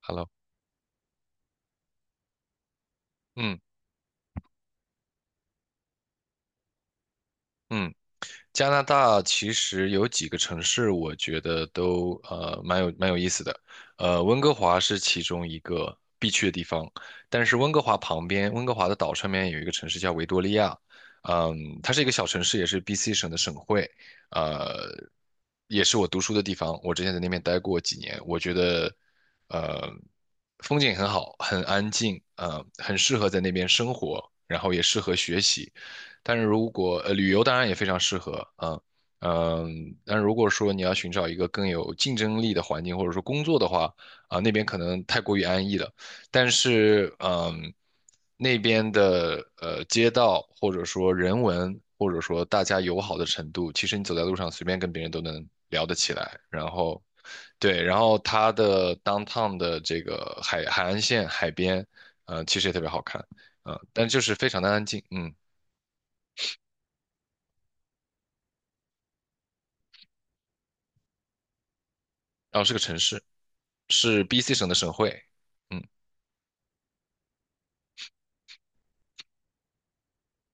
Hello，嗯嗯，加拿大其实有几个城市，我觉得都蛮有意思的，温哥华是其中一个必去的地方，但是温哥华旁边，温哥华的岛上面有一个城市叫维多利亚，嗯，它是一个小城市，也是 BC 省的省会，呃，也是我读书的地方，我之前在那边待过几年，我觉得呃风景很好，很安静，很适合在那边生活，然后也适合学习。但是如果旅游当然也非常适合，啊，嗯，但如果说你要寻找一个更有竞争力的环境，或者说工作的话，啊、那边可能太过于安逸了。但是嗯，那边的街道或者说人文或者说大家友好的程度，其实你走在路上随便跟别人都能聊得起来，然后。对，然后它的 downtown 的这个海岸线海边，其实也特别好看，但就是非常的安静，嗯。然后是个城市，是 BC 省的省会。嗯，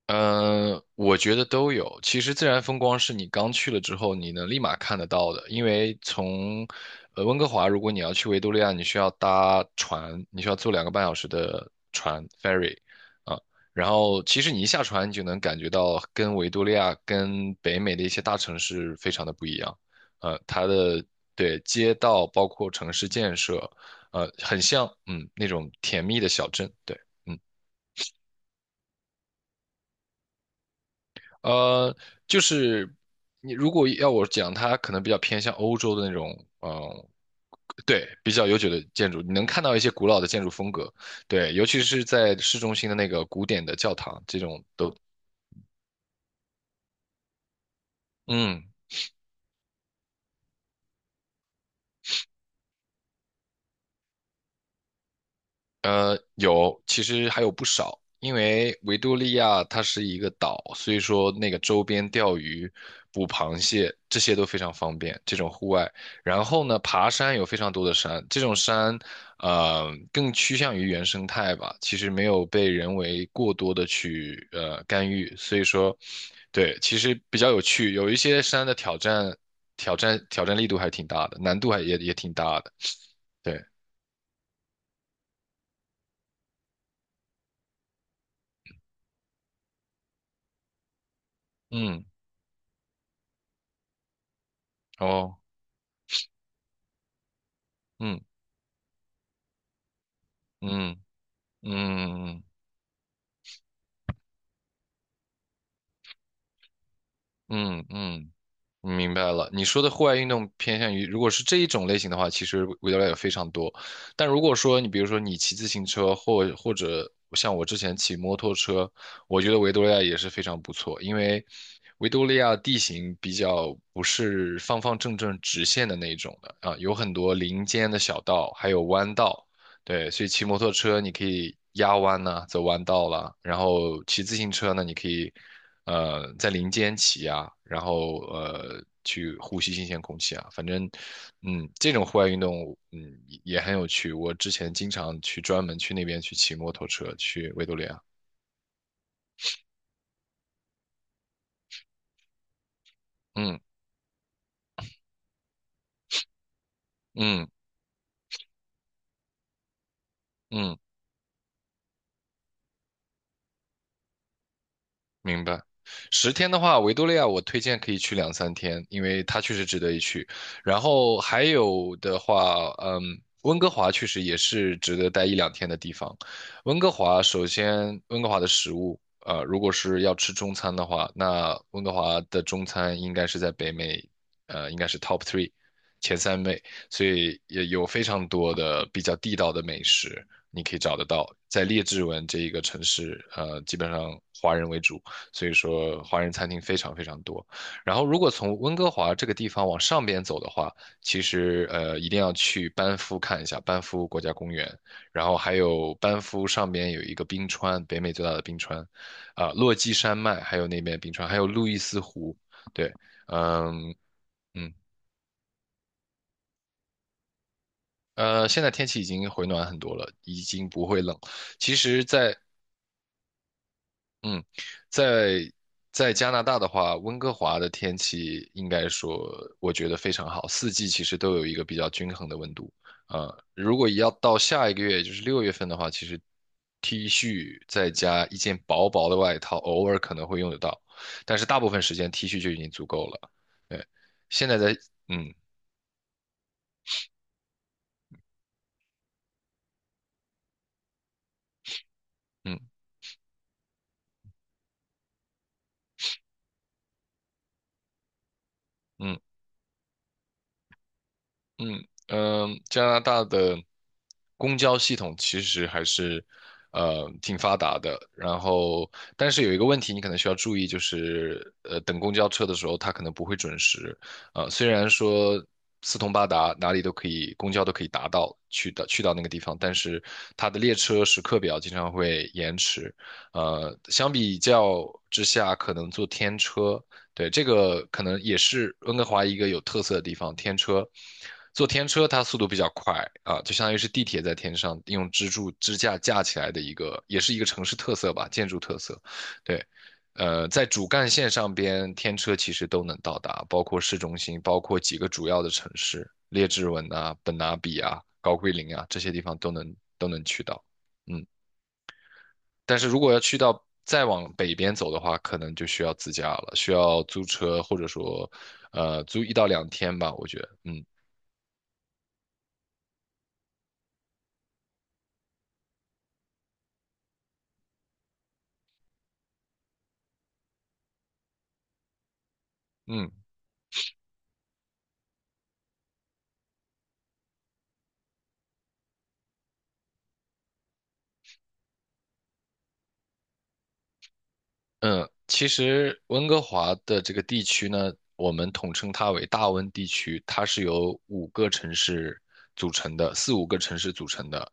嗯，我觉得都有。其实自然风光是你刚去了之后，你能立马看得到的，因为从温哥华，如果你要去维多利亚，你需要搭船，你需要坐2个半小时的船 ferry 啊。然后其实你一下船，你就能感觉到跟维多利亚、跟北美的一些大城市非常的不一样。呃，它的对街道包括城市建设，呃，很像嗯那种甜蜜的小镇，对。嗯。呃，就是你如果要我讲，它可能比较偏向欧洲的那种，嗯、对，比较悠久的建筑，你能看到一些古老的建筑风格，对，尤其是在市中心的那个古典的教堂，这种都，嗯，呃，有，其实还有不少，因为维多利亚它是一个岛，所以说那个周边钓鱼、捕螃蟹这些都非常方便，这种户外。然后呢，爬山有非常多的山，这种山，呃，更趋向于原生态吧，其实没有被人为过多的去干预，所以说，对，其实比较有趣，有一些山的挑战力度还挺大的，难度也挺大的，对，嗯，哦。嗯。嗯嗯嗯嗯，明白了。你说的户外运动偏向于，如果是这一种类型的话，其实维利亚也非常多。但如果说你比如说你骑自行车，或者像我之前骑摩托车，我觉得维多利亚也是非常不错，因为维多利亚地形比较不是方方正正直线的那一种的啊，有很多林间的小道，还有弯道。对，所以骑摩托车你可以压弯呐、走弯道啦，然后骑自行车呢，你可以。呃，在林间骑啊，然后去呼吸新鲜空气啊，反正，嗯，这种户外运动，嗯，也很有趣。我之前经常去专门去那边去骑摩托车去维多利亚，嗯嗯嗯。明白。十天的话，维多利亚我推荐可以去2、3天，因为它确实值得一去。然后还有的话，嗯，温哥华确实也是值得待1、2天的地方。温哥华首先，温哥华的食物，呃，如果是要吃中餐的话，那温哥华的中餐应该是在北美，呃，应该是 top three 前三位，所以也有非常多的比较地道的美食，你可以找得到。在列治文这一个城市，呃，基本上华人为主。所以说华人餐厅非常非常多。然后如果从温哥华这个地方往上边走的话，其实一定要去班夫看一下班夫国家公园，然后还有班夫上边有一个冰川，北美最大的冰川，啊、落基山脉，还有那边冰川，还有路易斯湖，对，嗯嗯。呃，现在天气已经回暖很多了，已经不会冷。其实，在嗯，在在加拿大的话，温哥华的天气应该说，我觉得非常好，四季其实都有一个比较均衡的温度。啊、如果要到下一个月，也就是6月份的话，其实 T 恤再加一件薄薄的外套，偶尔可能会用得到，但是大部分时间 T 恤就已经足够了。对，现在在，嗯嗯嗯。嗯嗯、加拿大的公交系统其实还是挺发达的，然后但是有一个问题你可能需要注意，就是等公交车的时候，它可能不会准时。呃，虽然说四通八达，哪里都可以，公交都可以达到去到那个地方，但是它的列车时刻表经常会延迟。呃，相比较之下，可能坐天车对，这个可能也是温哥华一个有特色的地方。天车，坐天车它速度比较快啊，就相当于是地铁在天上用支柱支架架起来的一个，也是一个城市特色吧，建筑特色。对，呃，在主干线上边，天车其实都能到达，包括市中心，包括几个主要的城市，列治文啊、本拿比啊、高桂林啊这些地方都能去到。嗯，但是如果要去到再往北边走的话，可能就需要自驾了，需要租车或者说，呃，租1到2天吧，我觉得，嗯嗯。嗯，其实温哥华的这个地区呢，我们统称它为大温地区，它是由五个城市组成的，4、5个城市组成的。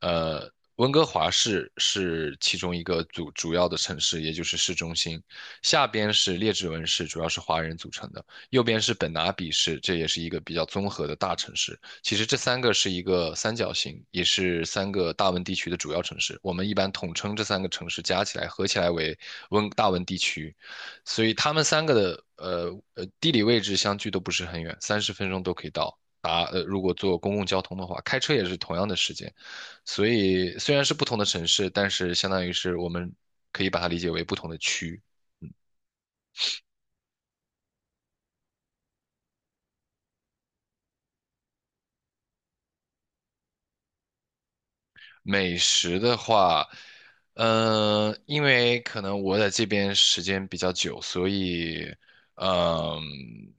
呃，温哥华市是其中一个主要的城市，也就是市中心。下边是列治文市，主要是华人组成的；右边是本拿比市，这也是一个比较综合的大城市。其实这三个是一个三角形，也是三个大温地区的主要城市。我们一般统称这三个城市加起来合起来为大温地区，所以他们三个的地理位置相距都不是很远，30分钟都可以到。如果坐公共交通的话，开车也是同样的时间。所以虽然是不同的城市，但是相当于是我们可以把它理解为不同的区。美食的话，嗯、因为可能我在这边时间比较久，所以，嗯、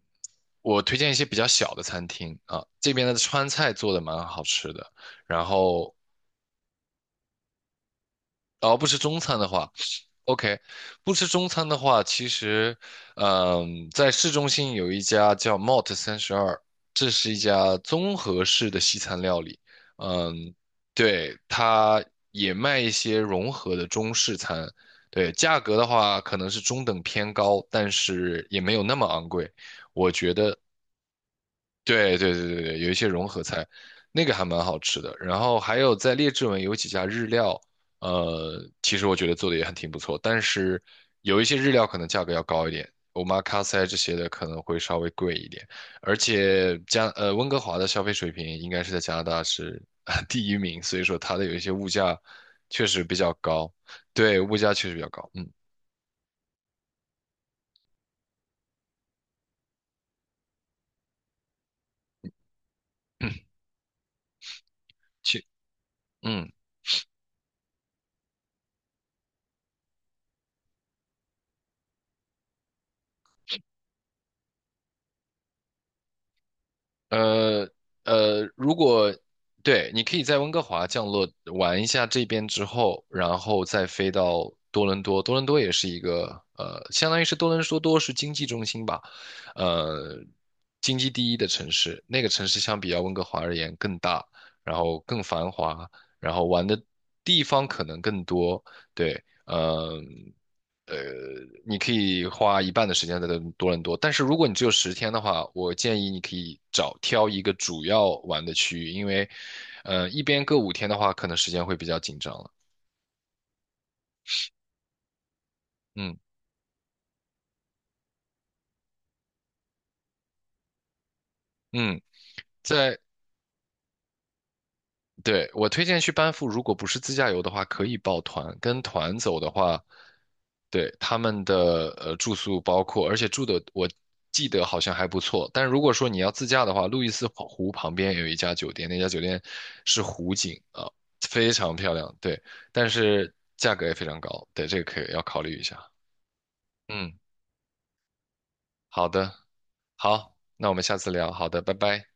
我推荐一些比较小的餐厅啊。这边的川菜做的蛮好吃的，然后，而不吃中餐的话。OK,不吃中餐的话，其实，嗯，在市中心有一家叫 Mott 32，这是一家综合式的西餐料理。嗯，对，它也卖一些融合的中式餐。对，价格的话可能是中等偏高，但是也没有那么昂贵。我觉得对对对对对，有一些融合菜，那个还蛮好吃的。然后还有在列治文有几家日料，呃，其实我觉得做的也还挺不错，但是有一些日料可能价格要高一点，omakase 这些的可能会稍微贵一点。而且温哥华的消费水平应该是在加拿大是 第1名，所以说它的有一些物价确实比较高，对，物价确实比较高。嗯，嗯，其嗯。呃如果对，你可以在温哥华降落玩一下这边之后，然后再飞到多伦多。多伦多也是一个呃，相当于是多伦多是经济中心吧，呃，经济第一的城市。那个城市相比较温哥华而言更大，然后更繁华，然后玩的地方可能更多。对，嗯。呃，你可以花一半的时间在多伦多，但是如果你只有十天的话，我建议你可以找挑一个主要玩的区域，因为，呃，一边各5天的话，可能时间会比较紧张了。嗯嗯，在对，我推荐去班夫，如果不是自驾游的话，可以报团。跟团走的话，对，他们的呃住宿包括，而且住的我记得好像还不错。但如果说你要自驾的话，路易斯湖旁边有一家酒店，那家酒店是湖景啊，非常漂亮。对，但是价格也非常高。对，这个可以要考虑一下。嗯，好的，好，那我们下次聊。好的，拜拜。